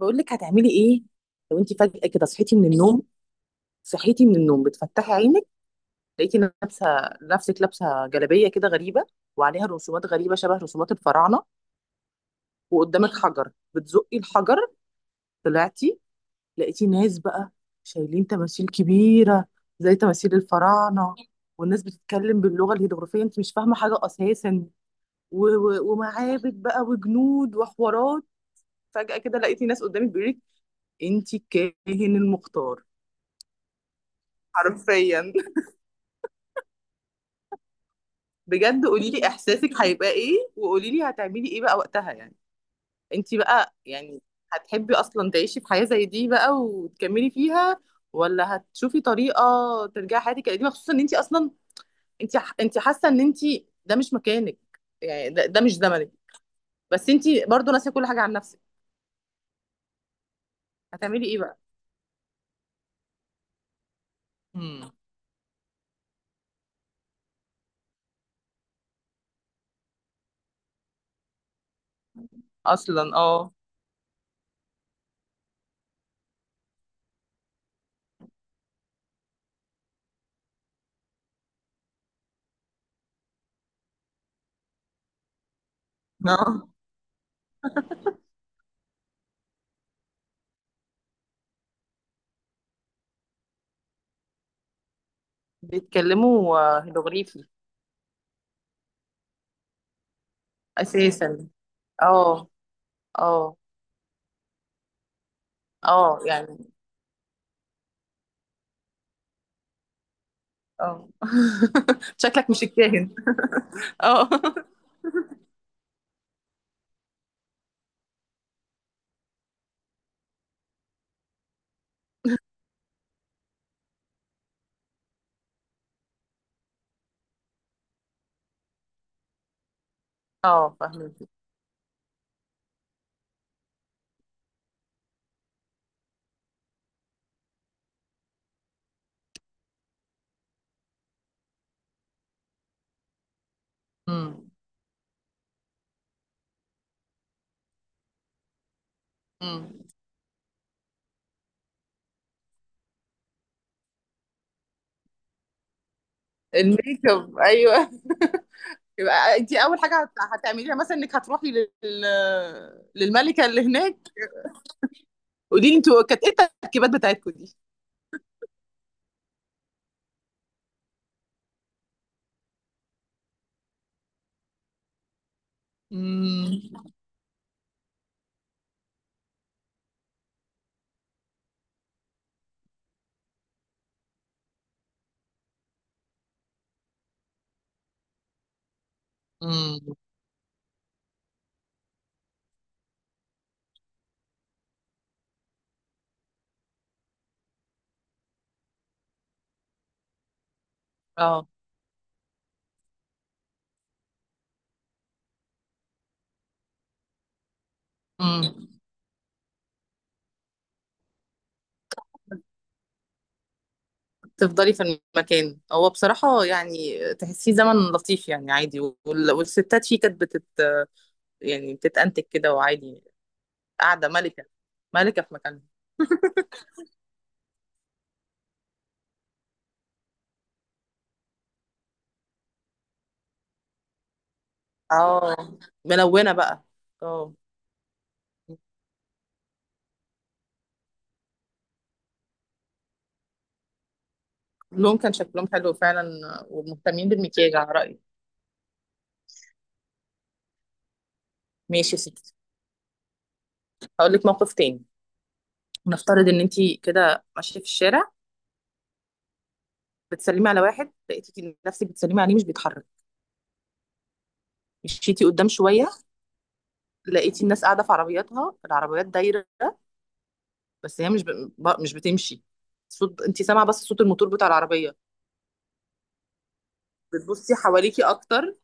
بقول لك هتعملي ايه؟ لو انت فجأة كده صحيتي من النوم، صحيتي من النوم بتفتحي عينك، لقيتي لابسه، نفسك لابسه جلابيه كده غريبه وعليها رسومات غريبه شبه رسومات الفراعنه، وقدامك حجر بتزقي الحجر، طلعتي لقيتي ناس بقى شايلين تماثيل كبيره زي تماثيل الفراعنه، والناس بتتكلم باللغه الهيروغليفيه، انت مش فاهمه حاجه اساسا، و- و- ومعابد بقى وجنود وحوارات. فجأة كده لقيتي ناس قدامك بيقولك انت الكاهن المختار، حرفيا. بجد قولي لي احساسك هيبقى ايه، وقولي لي هتعملي ايه بقى وقتها يعني؟ انت بقى يعني هتحبي اصلا تعيشي في حياة زي دي بقى وتكملي فيها، ولا هتشوفي طريقة ترجعي حياتك القديمة؟ خصوصا ان انت اصلا، انت حاسة ان انت ده مش مكانك، يعني ده مش زمنك. بس انت برضو ناسية كل حاجة عن نفسك. هتعملي ايه بقى؟ امم. اصلا اه. اه. بيتكلموا آه، هيروغليفي. اساسا. اه. اه. اه يعني. اه شكلك مش الكاهن. اه. اه فاهمك. امم. امم. الميك اب، ايوه يبقى انت اول حاجه هتعمليها مثلا انك هتروحي للملكه اللي هناك، قولي لي انتوا كانت ايه التركيبات بتاعتكم دي؟ امم. امم. اه. امم. تفضلي في المكان. هو بصراحه يعني تحسيه زمن لطيف، يعني عادي، وال... والستات فيه كانت يعني بتتأنتج كده وعادي، قاعده ملكه، ملكه في مكانها. اه. ملونة بقى. اه. اللون كان شكلهم حلو فعلا ومهتمين بالمكياج على رأيي. ماشي يا ستي، هقول لك موقف تاني. نفترض ان انت كده ماشية في الشارع، بتسلمي على واحد، لقيتي نفسك بتسلمي عليه مش بيتحرك، مشيتي قدام شوية لقيتي الناس قاعدة في عربياتها، العربيات دايرة بس هي مش ب... ب- مش بتمشي، صوت انت سامعة بس صوت الموتور بتاع العربية، بتبصي حواليكي اكتر.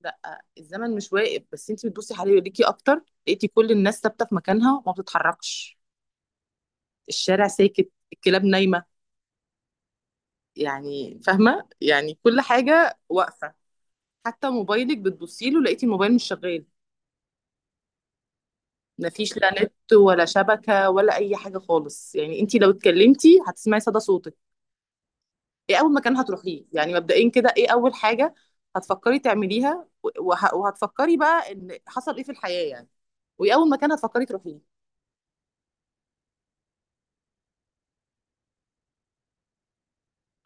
لا الزمن مش واقف، بس انت بتبصي حواليكي اكتر لقيتي كل الناس ثابتة في مكانها وما بتتحركش، الشارع ساكت، الكلاب نايمة، يعني فاهمة يعني كل حاجة واقفة، حتى موبايلك بتبصي له لقيتي الموبايل مش شغال، مفيش لا نت ولا شبكة ولا أي حاجة خالص، يعني انتي لو اتكلمتي هتسمعي صدى صوتك. ايه أول مكان هتروحيه يعني مبدئيا كده؟ ايه أول حاجة هتفكري تعمليها وه- وهتفكري بقى ان حصل ايه في الحياة يعني؟ وايه أول مكان هتفكري تروحيه؟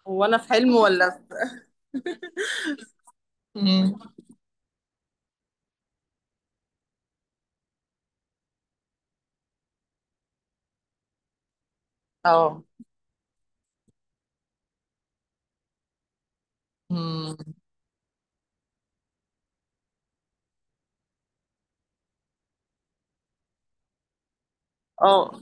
هو أنا في حلم ولا؟ مم. اه. مم. اه.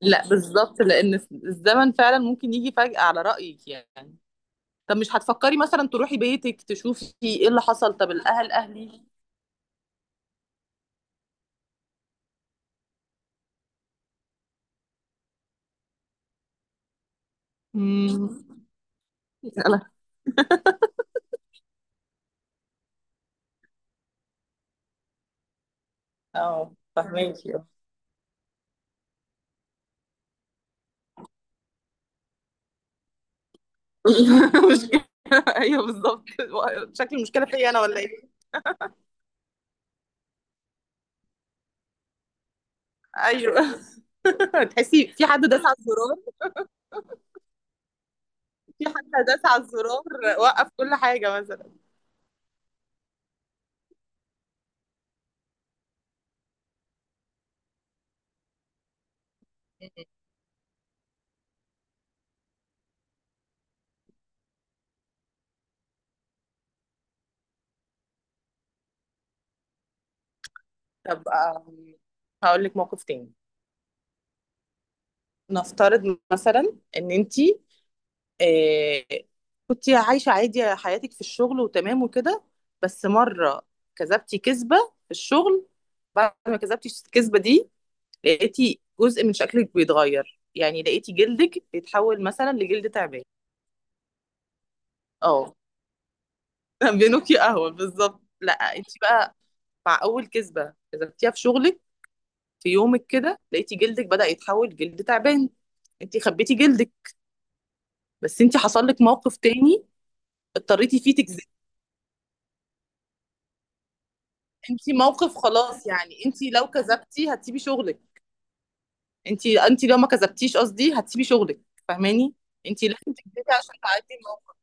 لا بالظبط، لان الزمن فعلا ممكن يجي فجأة على رأيك يعني. طب مش هتفكري مثلا تروحي بيتك تشوفي ايه اللي حصل؟ طب الاهل، اهلي. امم. لا. اه فهماكي، اه. مشكلة، ايوه بالظبط. شكل المشكلة فيا انا، ولا ايه؟ ايوه تحسي في حد داس على الزرار، في حد داس على الزرار وقف كل حاجة مثلا. طب هقول لك موقف تاني. نفترض مثلا ان انتي آه، كنت عايشة عادي حياتك في الشغل وتمام وكده، بس مرة كذبتي كذبة في الشغل، بعد ما كذبتي الكذبة دي لقيتي جزء من شكلك بيتغير، يعني لقيتي جلدك بيتحول مثلا لجلد تعبان. اه بينوكي قهوة بالظبط. لا انت بقى مع أول كذبة كذبتيها في شغلك في يومك كده لقيتي جلدك بدأ يتحول جلد تعبان، انت خبيتي جلدك. بس انت حصل لك موقف تاني اضطريتي فيه، انت موقف خلاص. يعني انت لو كذبتي هتسيبي شغلك، انت لو ما كذبتيش قصدي هتسيبي شغلك، فاهماني؟ انت لازم تكذبي عشان تعدي الموقف،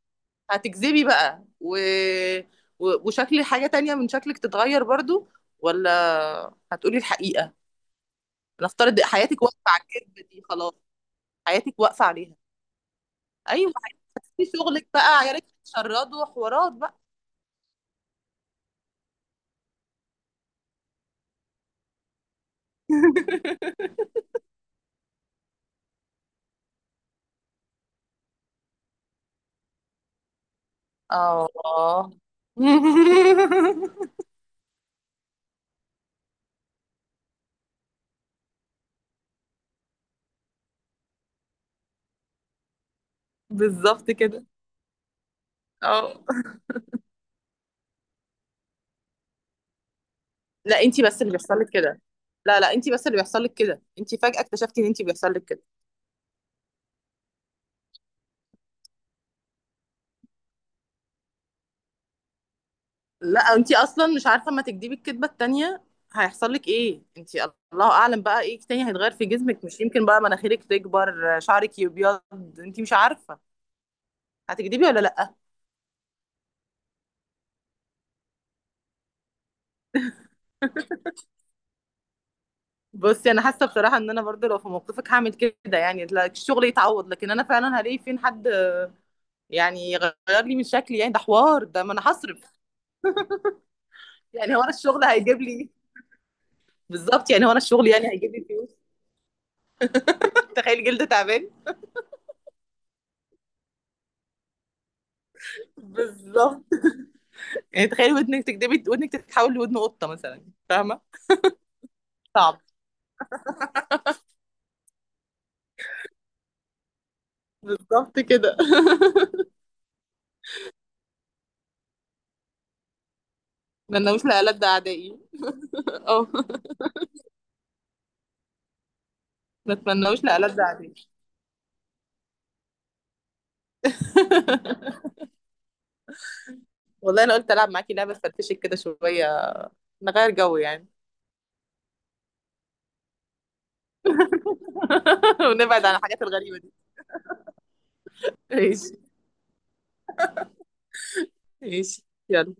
هتكذبي بقى و... و... وشكل حاجة تانية من شكلك تتغير برضو؟ ولا هتقولي الحقيقة؟ نفترض حياتك واقفة على الكذب دي خلاص، حياتك واقفة عليها. ايوه هتسيبي شغلك بقى، عيالك هيتشردوا، حوارات بقى. اه بالظبط كده. اه. لا انتي بس اللي بيحصل لك كده. لا لا انتي بس اللي بيحصل لك كده، انتي فجأة اكتشفتي ان انتي بيحصل لك كده. لا انتي اصلا مش عارفة اما تكدبي الكدبة التانية هيحصل لك ايه، انتي الله اعلم بقى ايه تاني هيتغير في جسمك، مش يمكن بقى مناخيرك تكبر، شعرك يبيض، انتي مش عارفة. هتكدبي ولا لا؟ بصي انا حاسة بصراحة ان انا برضو لو في موقفك هعمل كده، يعني لا الشغل يتعوض لكن انا فعلا هلاقي فين حد يعني يغير لي من شكلي، يعني ده حوار، ده ما انا هصرف، يعني هو انا الشغل هيجيب لي؟ بالظبط، يعني هو انا الشغل يعني هيجيب لي فلوس؟ تخيل جلد تعبان، بالظبط. يعني تخيل ودنك تكدبي ودنك تتحول لودن قطة مثلا، فاهمة؟ صعب، بالظبط كده. ما اتمنوش لألد أعدائي. اه. ما اتمنوش لألد أعدائي. والله أنا قلت ألعب معاكي لعبة فرفشك كده شوية، نغير جو يعني. ونبعد عن الحاجات الغريبة دي. ماشي، ماشي. يلا.